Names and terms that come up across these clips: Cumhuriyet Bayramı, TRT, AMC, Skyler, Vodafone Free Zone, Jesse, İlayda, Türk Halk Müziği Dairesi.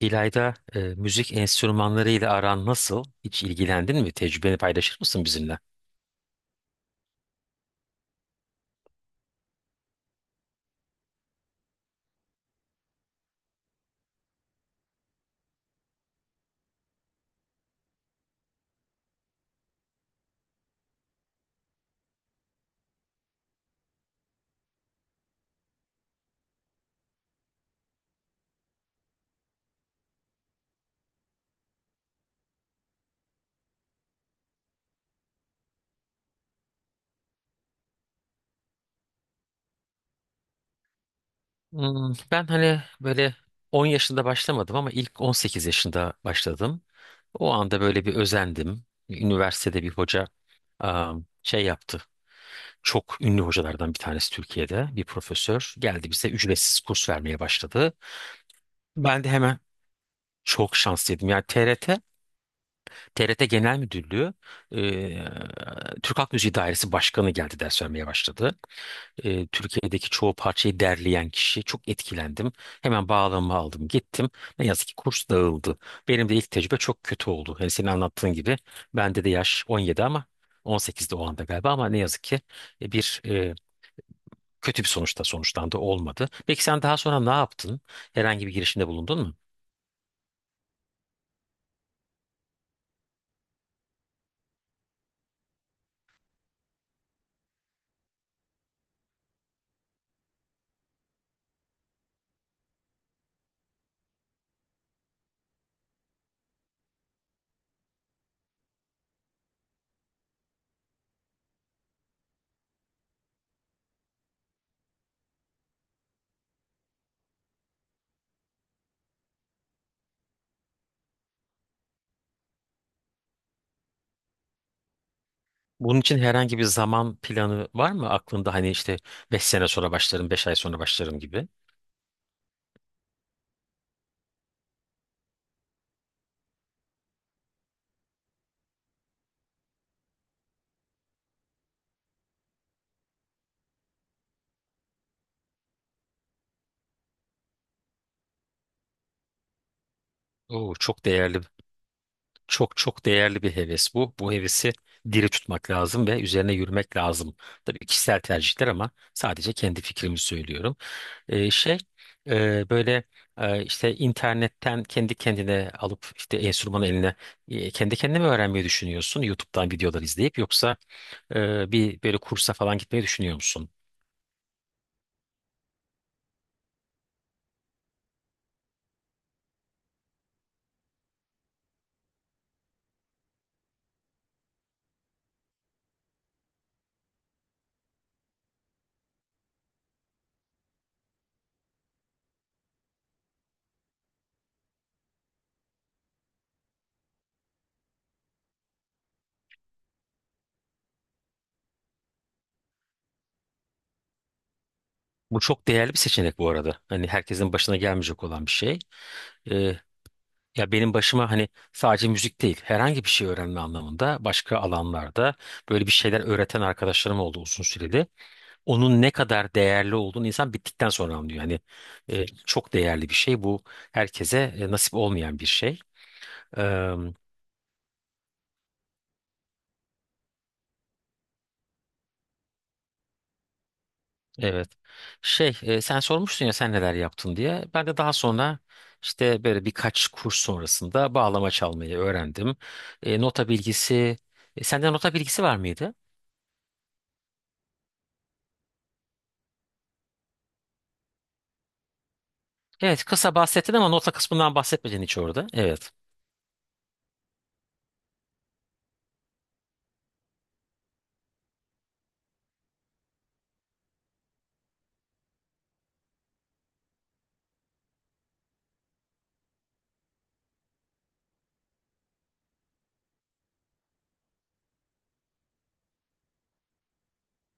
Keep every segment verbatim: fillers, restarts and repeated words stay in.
İlayda, e, müzik enstrümanlarıyla aran nasıl? Hiç ilgilendin mi? Tecrübeni paylaşır mısın bizimle? Hmm, ben hani böyle on yaşında başlamadım ama ilk on sekiz yaşında başladım. O anda böyle bir özendim. Üniversitede bir hoca am, şey yaptı. Çok ünlü hocalardan bir tanesi Türkiye'de bir profesör geldi bize ücretsiz kurs vermeye başladı. Ben de hemen çok şanslıydım. Yani T R T T R T Genel Müdürlüğü, eee, Türk Halk Müziği Dairesi Başkanı geldi ders vermeye başladı. Eee, Türkiye'deki çoğu parçayı derleyen kişi, çok etkilendim. Hemen bağlamamı aldım gittim. Ne yazık ki kurs dağıldı. Benim de ilk tecrübe çok kötü oldu. Hani senin anlattığın gibi bende de yaş on yedi ama on sekizde o anda galiba, ama ne yazık ki e, bir e, kötü bir sonuçta sonuçlandı, olmadı. Peki sen daha sonra ne yaptın? Herhangi bir girişimde bulundun mu? Bunun için herhangi bir zaman planı var mı aklında? Hani işte beş sene sonra başlarım, beş ay sonra başlarım gibi. Oo, çok değerli, çok çok değerli bir heves bu. Bu hevesi diri tutmak lazım ve üzerine yürümek lazım. Tabii kişisel tercihler ama sadece kendi fikrimi söylüyorum. Ee, şey, e, böyle, e, işte internetten kendi kendine alıp işte enstrümanı eline, e, kendi kendine mi öğrenmeyi düşünüyorsun YouTube'dan videolar izleyip, yoksa e, bir böyle kursa falan gitmeyi düşünüyor musun? Bu çok değerli bir seçenek bu arada. Hani herkesin başına gelmeyecek olan bir şey. Ee, ya benim başıma hani sadece müzik değil herhangi bir şey öğrenme anlamında başka alanlarda böyle bir şeyler öğreten arkadaşlarım oldu uzun süreli. Onun ne kadar değerli olduğunu insan bittikten sonra anlıyor. Yani e, çok değerli bir şey bu. Herkese e, nasip olmayan bir şey. Eee, evet. Şey, e, sen sormuştun ya sen neler yaptın diye. Ben de daha sonra işte böyle birkaç kurs sonrasında bağlama çalmayı öğrendim. E, nota bilgisi, e, sende nota bilgisi var mıydı? Evet, kısa bahsettin ama nota kısmından bahsetmedin hiç orada. Evet.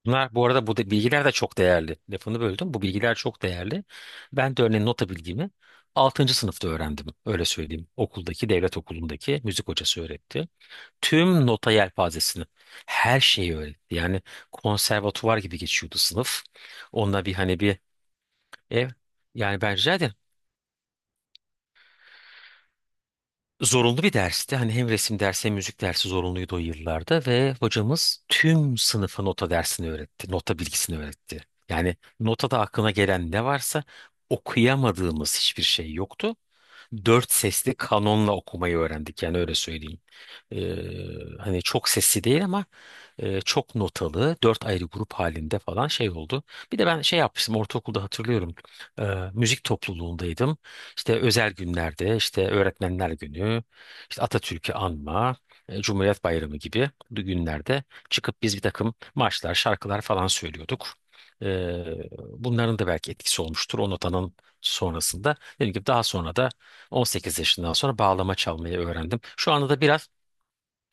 Bunlar bu arada, bu de- bilgiler de çok değerli. Lafını böldüm. Bu bilgiler çok değerli. Ben de örneğin nota bilgimi altıncı sınıfta öğrendim. Öyle söyleyeyim. Okuldaki, devlet okulundaki müzik hocası öğretti. Tüm nota yelpazesini, her şeyi öğretti. Yani konservatuvar gibi geçiyordu sınıf. Onunla bir hani bir ev. Yani ben rica ederim. Zorunlu bir dersti. Hani hem resim dersi hem müzik dersi zorunluydu o yıllarda ve hocamız tüm sınıfa nota dersini öğretti. Nota bilgisini öğretti. Yani notada aklına gelen ne varsa okuyamadığımız hiçbir şey yoktu. Dört sesli kanonla okumayı öğrendik, yani öyle söyleyeyim. Ee, hani çok sesli değil ama e, çok notalı, dört ayrı grup halinde falan şey oldu. Bir de ben şey yapmıştım ortaokulda, hatırlıyorum e, müzik topluluğundaydım. İşte özel günlerde, işte öğretmenler günü, işte Atatürk'ü anma, e, Cumhuriyet Bayramı gibi günlerde çıkıp biz bir takım marşlar, şarkılar falan söylüyorduk. E, bunların da belki etkisi olmuştur o notanın sonrasında. Dediğim gibi daha sonra da on sekiz yaşından sonra bağlama çalmayı öğrendim. Şu anda da biraz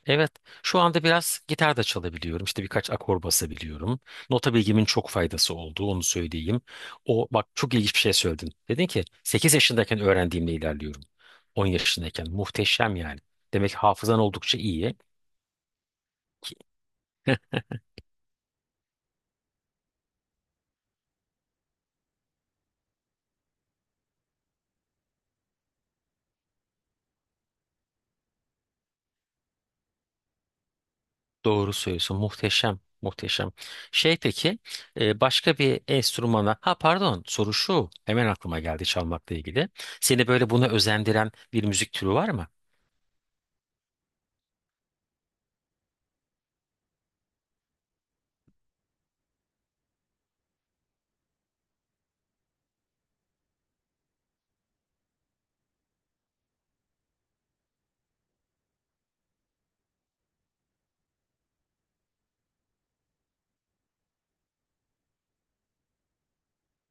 Evet, şu anda biraz gitar da çalabiliyorum. İşte birkaç akor basabiliyorum. Nota bilgimin çok faydası oldu, onu söyleyeyim. O bak, çok ilginç bir şey söyledin. Dedin ki sekiz yaşındayken öğrendiğimle ilerliyorum. On yaşındayken muhteşem yani. Demek ki hafızan oldukça iyi. Ki- Doğru söylüyorsun. Muhteşem, muhteşem. Şey peki, e, başka bir enstrümana, ha pardon, soru şu. Hemen aklıma geldi çalmakla ilgili. Seni böyle buna özendiren bir müzik türü var mı?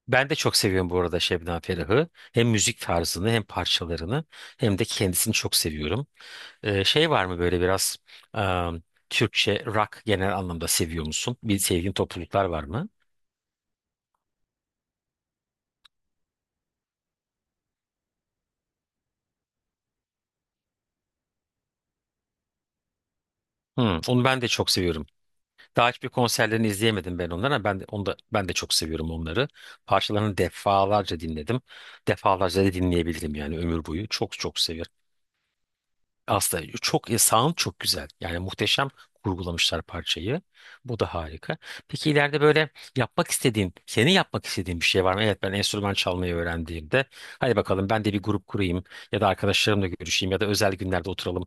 Ben de çok seviyorum bu arada Şebnem Ferah'ı. Hem müzik tarzını, hem parçalarını, hem de kendisini çok seviyorum. Ee, şey var mı böyle biraz ıı, Türkçe rock genel anlamda seviyor musun? Bir sevdiğin topluluklar var mı? Hmm, onu ben de çok seviyorum. Daha hiçbir konserlerini izleyemedim ben onları, ama ben de, onu da, ben de çok seviyorum onları. Parçalarını defalarca dinledim. Defalarca da dinleyebilirim yani, ömür boyu. Çok çok seviyorum. Aslında çok e, sound çok güzel. Yani muhteşem kurgulamışlar parçayı. Bu da harika. Peki ileride böyle yapmak istediğin, senin yapmak istediğin bir şey var mı? Evet, ben enstrüman çalmayı öğrendiğimde hadi bakalım ben de bir grup kurayım, ya da arkadaşlarımla görüşeyim, ya da özel günlerde oturalım.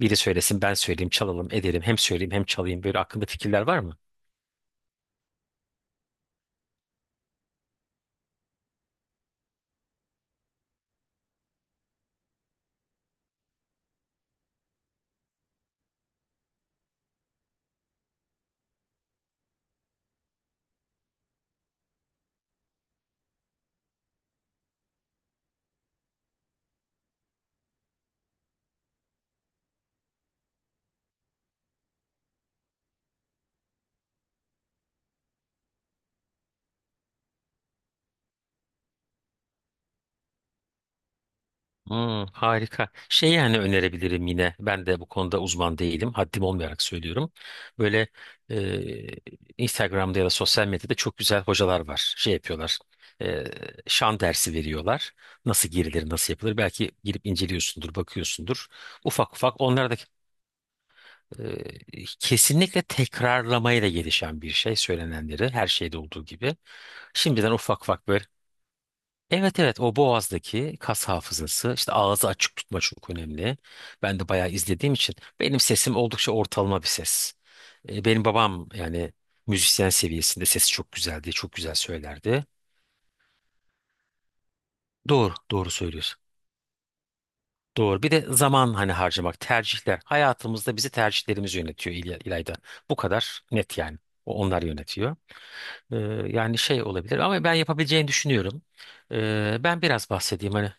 Biri söylesin ben söyleyeyim, çalalım edelim, hem söyleyeyim hem çalayım, böyle aklında fikirler var mı? Hmm, harika. Şey yani önerebilirim yine. Ben de bu konuda uzman değilim. Haddim olmayarak söylüyorum. Böyle e, Instagram'da ya da sosyal medyada çok güzel hocalar var. Şey yapıyorlar. E, şan dersi veriyorlar. Nasıl girilir, nasıl yapılır? Belki girip inceliyorsundur, bakıyorsundur. Ufak ufak onlar da e, kesinlikle tekrarlamayla gelişen bir şey. Söylenenleri, her şeyde olduğu gibi. Şimdiden ufak ufak böyle. Evet, evet, o boğazdaki kas hafızası, işte ağzı açık tutma çok önemli. Ben de bayağı izlediğim için benim sesim oldukça ortalama bir ses. E, Benim babam yani müzisyen seviyesinde, sesi çok güzel diye çok güzel söylerdi. Doğru, doğru söylüyorsun. Doğru, bir de zaman hani harcamak, tercihler hayatımızda bizi, tercihlerimiz yönetiyor İlya- İlayda. Bu kadar net yani O- onlar yönetiyor. E, yani şey olabilir ama ben yapabileceğini düşünüyorum. E, ben biraz bahsedeyim hani.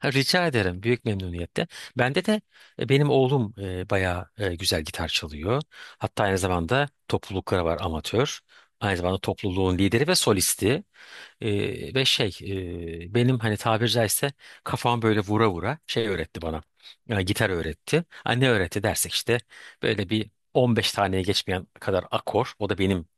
Ha, Rica ederim. Büyük memnuniyetle. Bende de e, benim oğlum e, bayağı e, güzel gitar çalıyor. Hatta aynı zamanda toplulukları var, amatör. Aynı zamanda topluluğun lideri ve solisti. E, ve şey e, benim, hani tabiri caizse, kafam böyle vura vura şey öğretti bana. Yani gitar öğretti. Ha, ne öğretti dersek işte böyle bir on beş taneye geçmeyen kadar akor. O da benim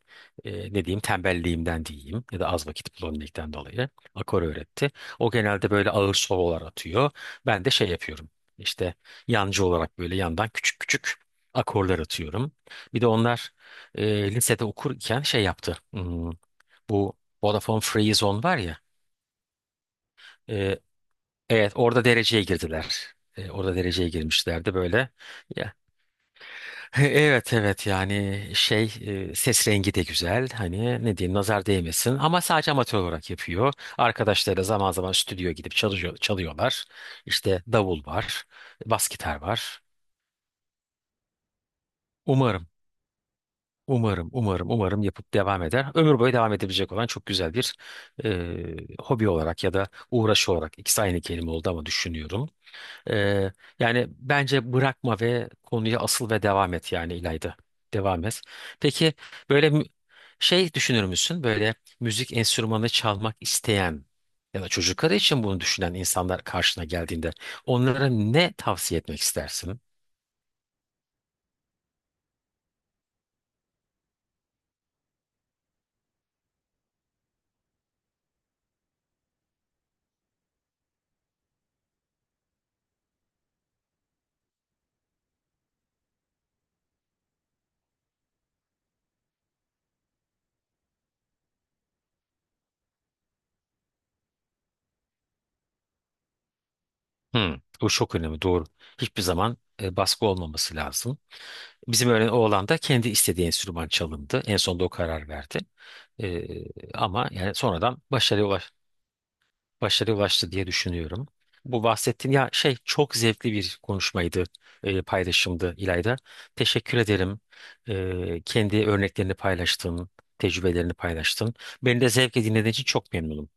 e, ne diyeyim, tembelliğimden diyeyim ya da az vakit bulabilmekten dolayı akor öğretti. O genelde böyle ağır sololar atıyor. Ben de şey yapıyorum, İşte yancı olarak böyle yandan küçük küçük akorlar atıyorum. Bir de onlar e, lisede okurken şey yaptı. Hmm, bu Vodafone Free Zone var ya. e, evet, orada dereceye girdiler. E, orada dereceye girmişlerdi böyle. Evet, evet, yani şey e, ses rengi de güzel, hani ne diyeyim nazar değmesin, ama sadece amatör olarak yapıyor. Arkadaşları zaman zaman stüdyo gidip çalışıyor, çalıyorlar. İşte davul var, bas gitar var. Umarım umarım umarım umarım yapıp devam eder. Ömür boyu devam edebilecek olan çok güzel bir e, hobi olarak ya da uğraşı olarak, ikisi aynı kelime oldu ama, düşünüyorum. Ee, yani bence bırakma ve konuya asıl ve devam et yani İlayda. Devam et. Peki böyle mü- şey düşünür müsün? Böyle müzik enstrümanı çalmak isteyen ya da çocukları için bunu düşünen insanlar karşına geldiğinde onlara ne tavsiye etmek istersin? Hmm, bu çok önemli, doğru. Hiçbir zaman e, baskı olmaması lazım. Bizim öğren oğlan da kendi istediği enstrüman çalındı. En sonunda o karar verdi. E, ama yani sonradan başarıya ulaş, başarıya ulaştı diye düşünüyorum. Bu bahsettiğin ya şey çok zevkli bir konuşmaydı, e, paylaşımdı İlayda. Teşekkür ederim. E, kendi örneklerini paylaştın, tecrübelerini paylaştın. Beni de zevkle dinlediğin için çok memnunum.